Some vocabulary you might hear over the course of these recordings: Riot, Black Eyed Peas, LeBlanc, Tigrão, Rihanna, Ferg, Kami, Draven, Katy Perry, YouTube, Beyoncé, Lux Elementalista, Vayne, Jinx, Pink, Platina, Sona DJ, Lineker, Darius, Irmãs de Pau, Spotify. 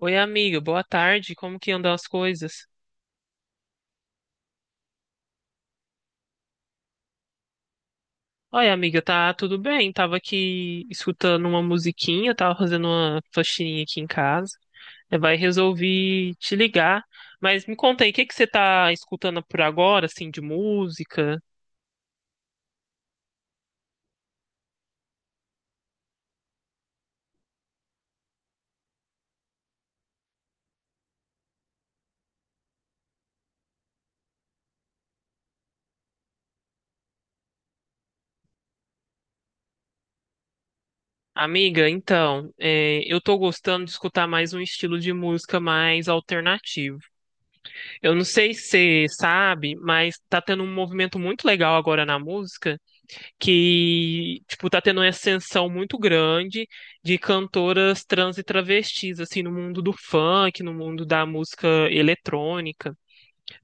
Oi, amiga, boa tarde. Como que andam as coisas? Oi, amiga, tá tudo bem? Tava aqui escutando uma musiquinha, tava fazendo uma faxininha aqui em casa. Vai resolvi te ligar. Mas me conta aí, o que que você tá escutando por agora, assim, de música? Amiga, então, eu tô gostando de escutar mais um estilo de música mais alternativo. Eu não sei se você sabe, mas tá tendo um movimento muito legal agora na música, que, tipo, tá tendo uma ascensão muito grande de cantoras trans e travestis, assim, no mundo do funk, no mundo da música eletrônica.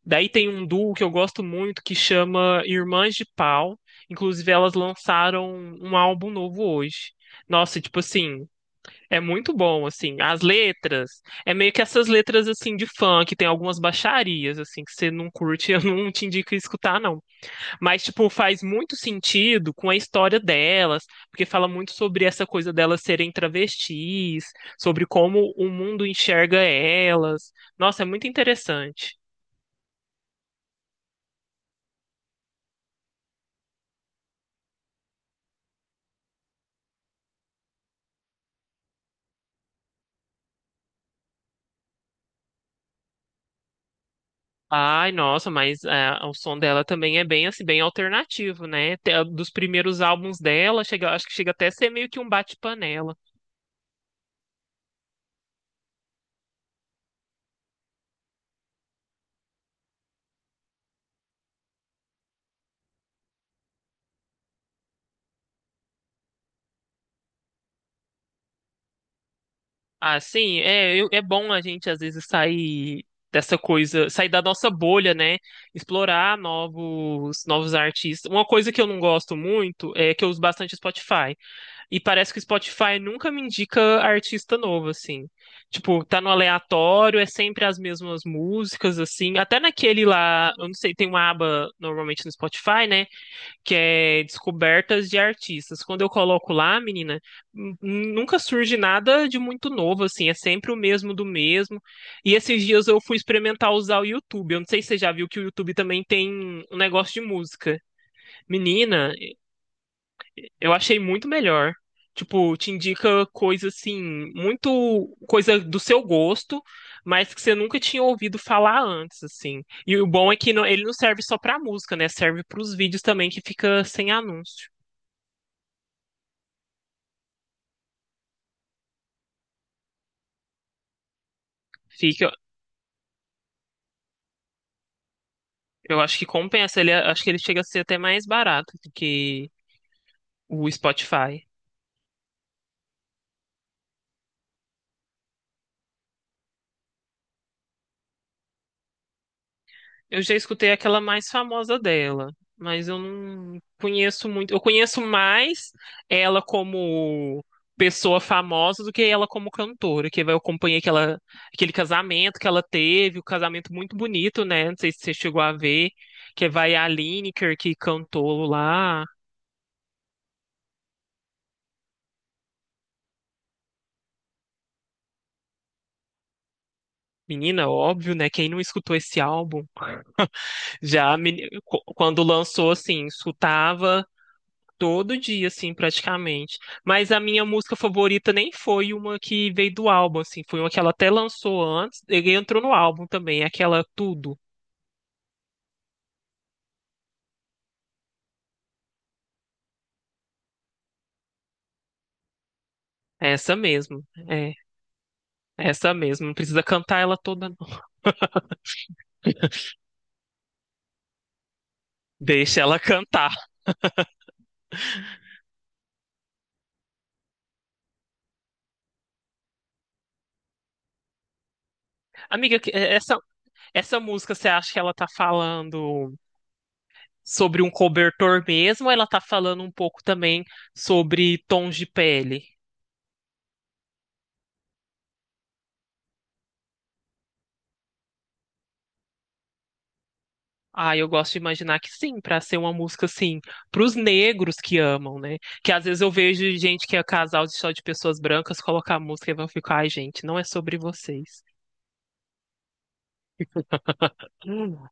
Daí tem um duo que eu gosto muito que chama Irmãs de Pau. Inclusive, elas lançaram um álbum novo hoje. Nossa, tipo assim, é muito bom, assim. As letras, é meio que essas letras, assim, de funk, tem algumas baixarias, assim, que você não curte, eu não te indico escutar, não. Mas, tipo, faz muito sentido com a história delas, porque fala muito sobre essa coisa delas serem travestis, sobre como o mundo enxerga elas. Nossa, é muito interessante. Ai, nossa, mas ah, o som dela também é bem assim, bem alternativo, né? Dos primeiros álbuns dela, chega, acho que chega até a ser meio que um bate-panela. Ah, sim, é, é bom a gente às vezes sair dessa coisa, sair da nossa bolha, né? Explorar novos artistas. Uma coisa que eu não gosto muito é que eu uso bastante Spotify. E parece que o Spotify nunca me indica artista novo, assim. Tipo, tá no aleatório, é sempre as mesmas músicas, assim. Até naquele lá, eu não sei, tem uma aba normalmente no Spotify, né, que é descobertas de artistas. Quando eu coloco lá, menina, nunca surge nada de muito novo, assim, é sempre o mesmo do mesmo. E esses dias eu fui experimentar usar o YouTube. Eu não sei se você já viu que o YouTube também tem um negócio de música. Menina, eu achei muito melhor. Tipo, te indica coisa assim, muito coisa do seu gosto, mas que você nunca tinha ouvido falar antes, assim. E o bom é que ele não serve só pra música, né? Serve pros vídeos também que fica sem anúncio. Fica, eu acho que compensa. Ele, é, acho que ele chega a ser até mais barato do que o Spotify. Eu já escutei aquela mais famosa dela, mas eu não conheço muito. Eu conheço mais ela como pessoa famosa do que ela como cantora, que eu acompanhei aquele casamento que ela teve, um casamento muito bonito, né? Não sei se você chegou a ver, que vai a Lineker que cantou lá. Menina, óbvio, né? Quem não escutou esse álbum? Já a meni- co- quando lançou, assim, escutava todo dia, assim, praticamente. Mas a minha música favorita nem foi uma que veio do álbum, assim, foi uma que ela até lançou antes, ele entrou no álbum também, aquela Tudo. Essa mesmo, é, essa mesmo. Não precisa cantar ela toda, não. Deixa ela cantar. Amiga, essa música, você acha que ela tá falando sobre um cobertor mesmo, ou ela tá falando um pouco também sobre tons de pele? Ah, eu gosto de imaginar que sim, para ser uma música assim, para os negros que amam, né? Que às vezes eu vejo gente que é casal de só de pessoas brancas colocar a música e vão ficar, ai, gente, não é sobre vocês. Hum.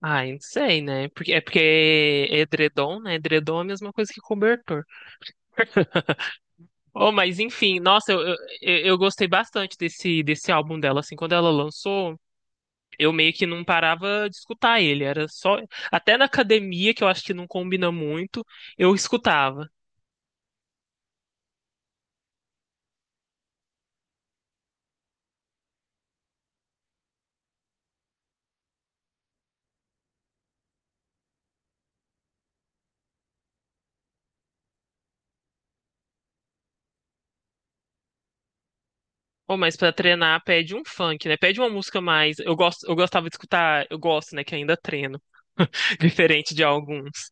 Ai, não sei, né? Porque é edredom, né? Edredom é a mesma coisa que cobertor. Oh, mas enfim, nossa, eu gostei bastante desse álbum dela, assim, quando ela lançou, eu meio que não parava de escutar ele, era só, até na academia, que eu acho que não combina muito, eu escutava. Ou mas pra treinar pede um funk, né? Pede uma música mais. Eu gosto, eu gostava de escutar, eu gosto, né, que ainda treino, diferente de alguns.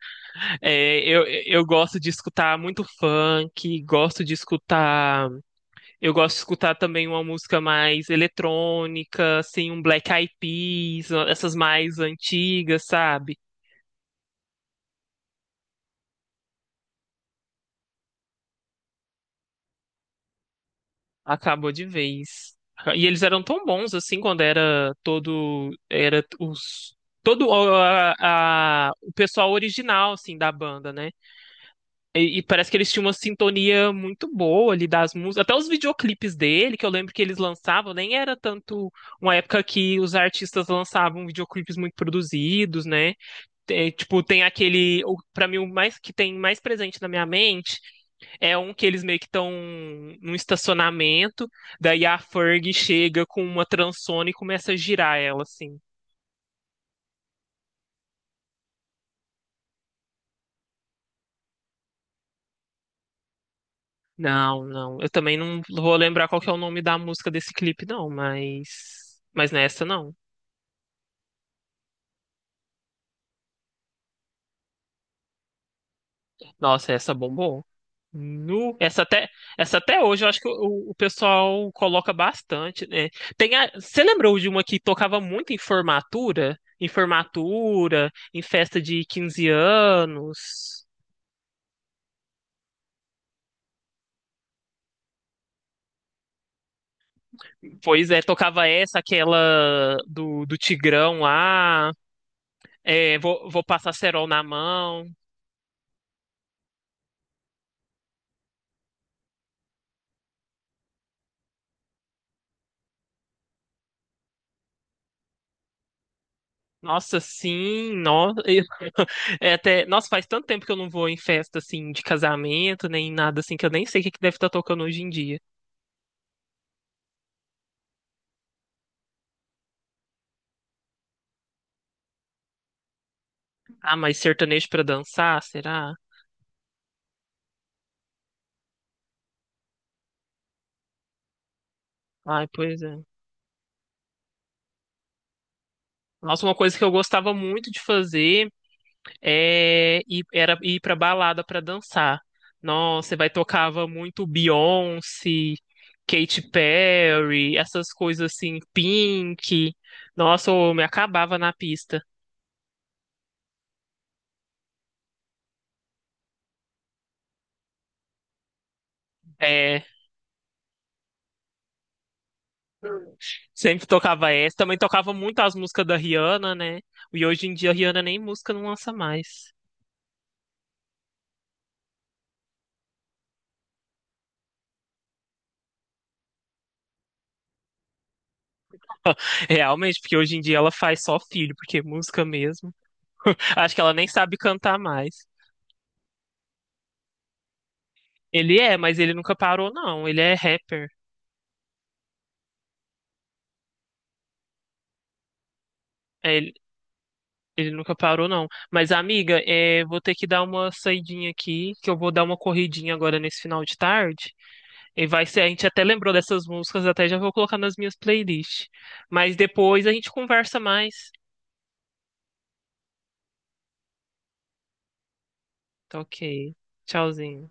É, eu gosto de escutar muito funk, gosto de escutar, eu gosto de escutar também uma música mais eletrônica, assim, um Black Eyed Peas, essas mais antigas, sabe? Acabou de vez. E eles eram tão bons assim quando era todo era os todo o- a- o pessoal original assim da banda, né? E parece que eles tinham uma sintonia muito boa ali das músicas, até os videoclipes dele, que eu lembro que eles lançavam, nem era tanto uma época que os artistas lançavam videoclipes muito produzidos, né? Pra mim o mais que tem mais presente na minha mente é um que eles meio que estão num estacionamento, daí a Ferg chega com uma transona e começa a girar ela, assim. Não. Eu também não vou lembrar qual que é o nome da música desse clipe, não, mas. Mas nessa não. Nossa, essa bombou. Nu. Essa até hoje eu acho que o pessoal coloca bastante, né? Tem a, você lembrou de uma que tocava muito em formatura? Em formatura, em festa de 15 anos. Pois é, tocava essa, aquela do Tigrão lá. É, vou passar cerol na mão. Nossa, sim, nossa, é até, nossa, faz tanto tempo que eu não vou em festa assim de casamento, nem nada assim, que eu nem sei o que que deve estar tocando hoje em dia. Ah, mas sertanejo pra dançar, será? Ai, pois é. Nossa, uma coisa que eu gostava muito de fazer. É, e era ir pra balada pra dançar. Nossa, vai tocava muito Beyoncé, Katy Perry, essas coisas assim, Pink. Nossa, eu me acabava na pista. É, sempre tocava essa. Também tocava muito as músicas da Rihanna, né? E hoje em dia a Rihanna nem música não lança mais. Realmente, porque hoje em dia ela faz só filho, porque é música mesmo. Acho que ela nem sabe cantar mais. Ele é, mas ele nunca parou, não. Ele é rapper. É, ele nunca parou, não. Mas, amiga, é, vou ter que dar uma saidinha aqui, que eu vou dar uma corridinha agora nesse final de tarde. E vai ser, a gente até lembrou dessas músicas, até já vou colocar nas minhas playlists. Mas depois a gente conversa mais. Tá ok. Tchauzinho.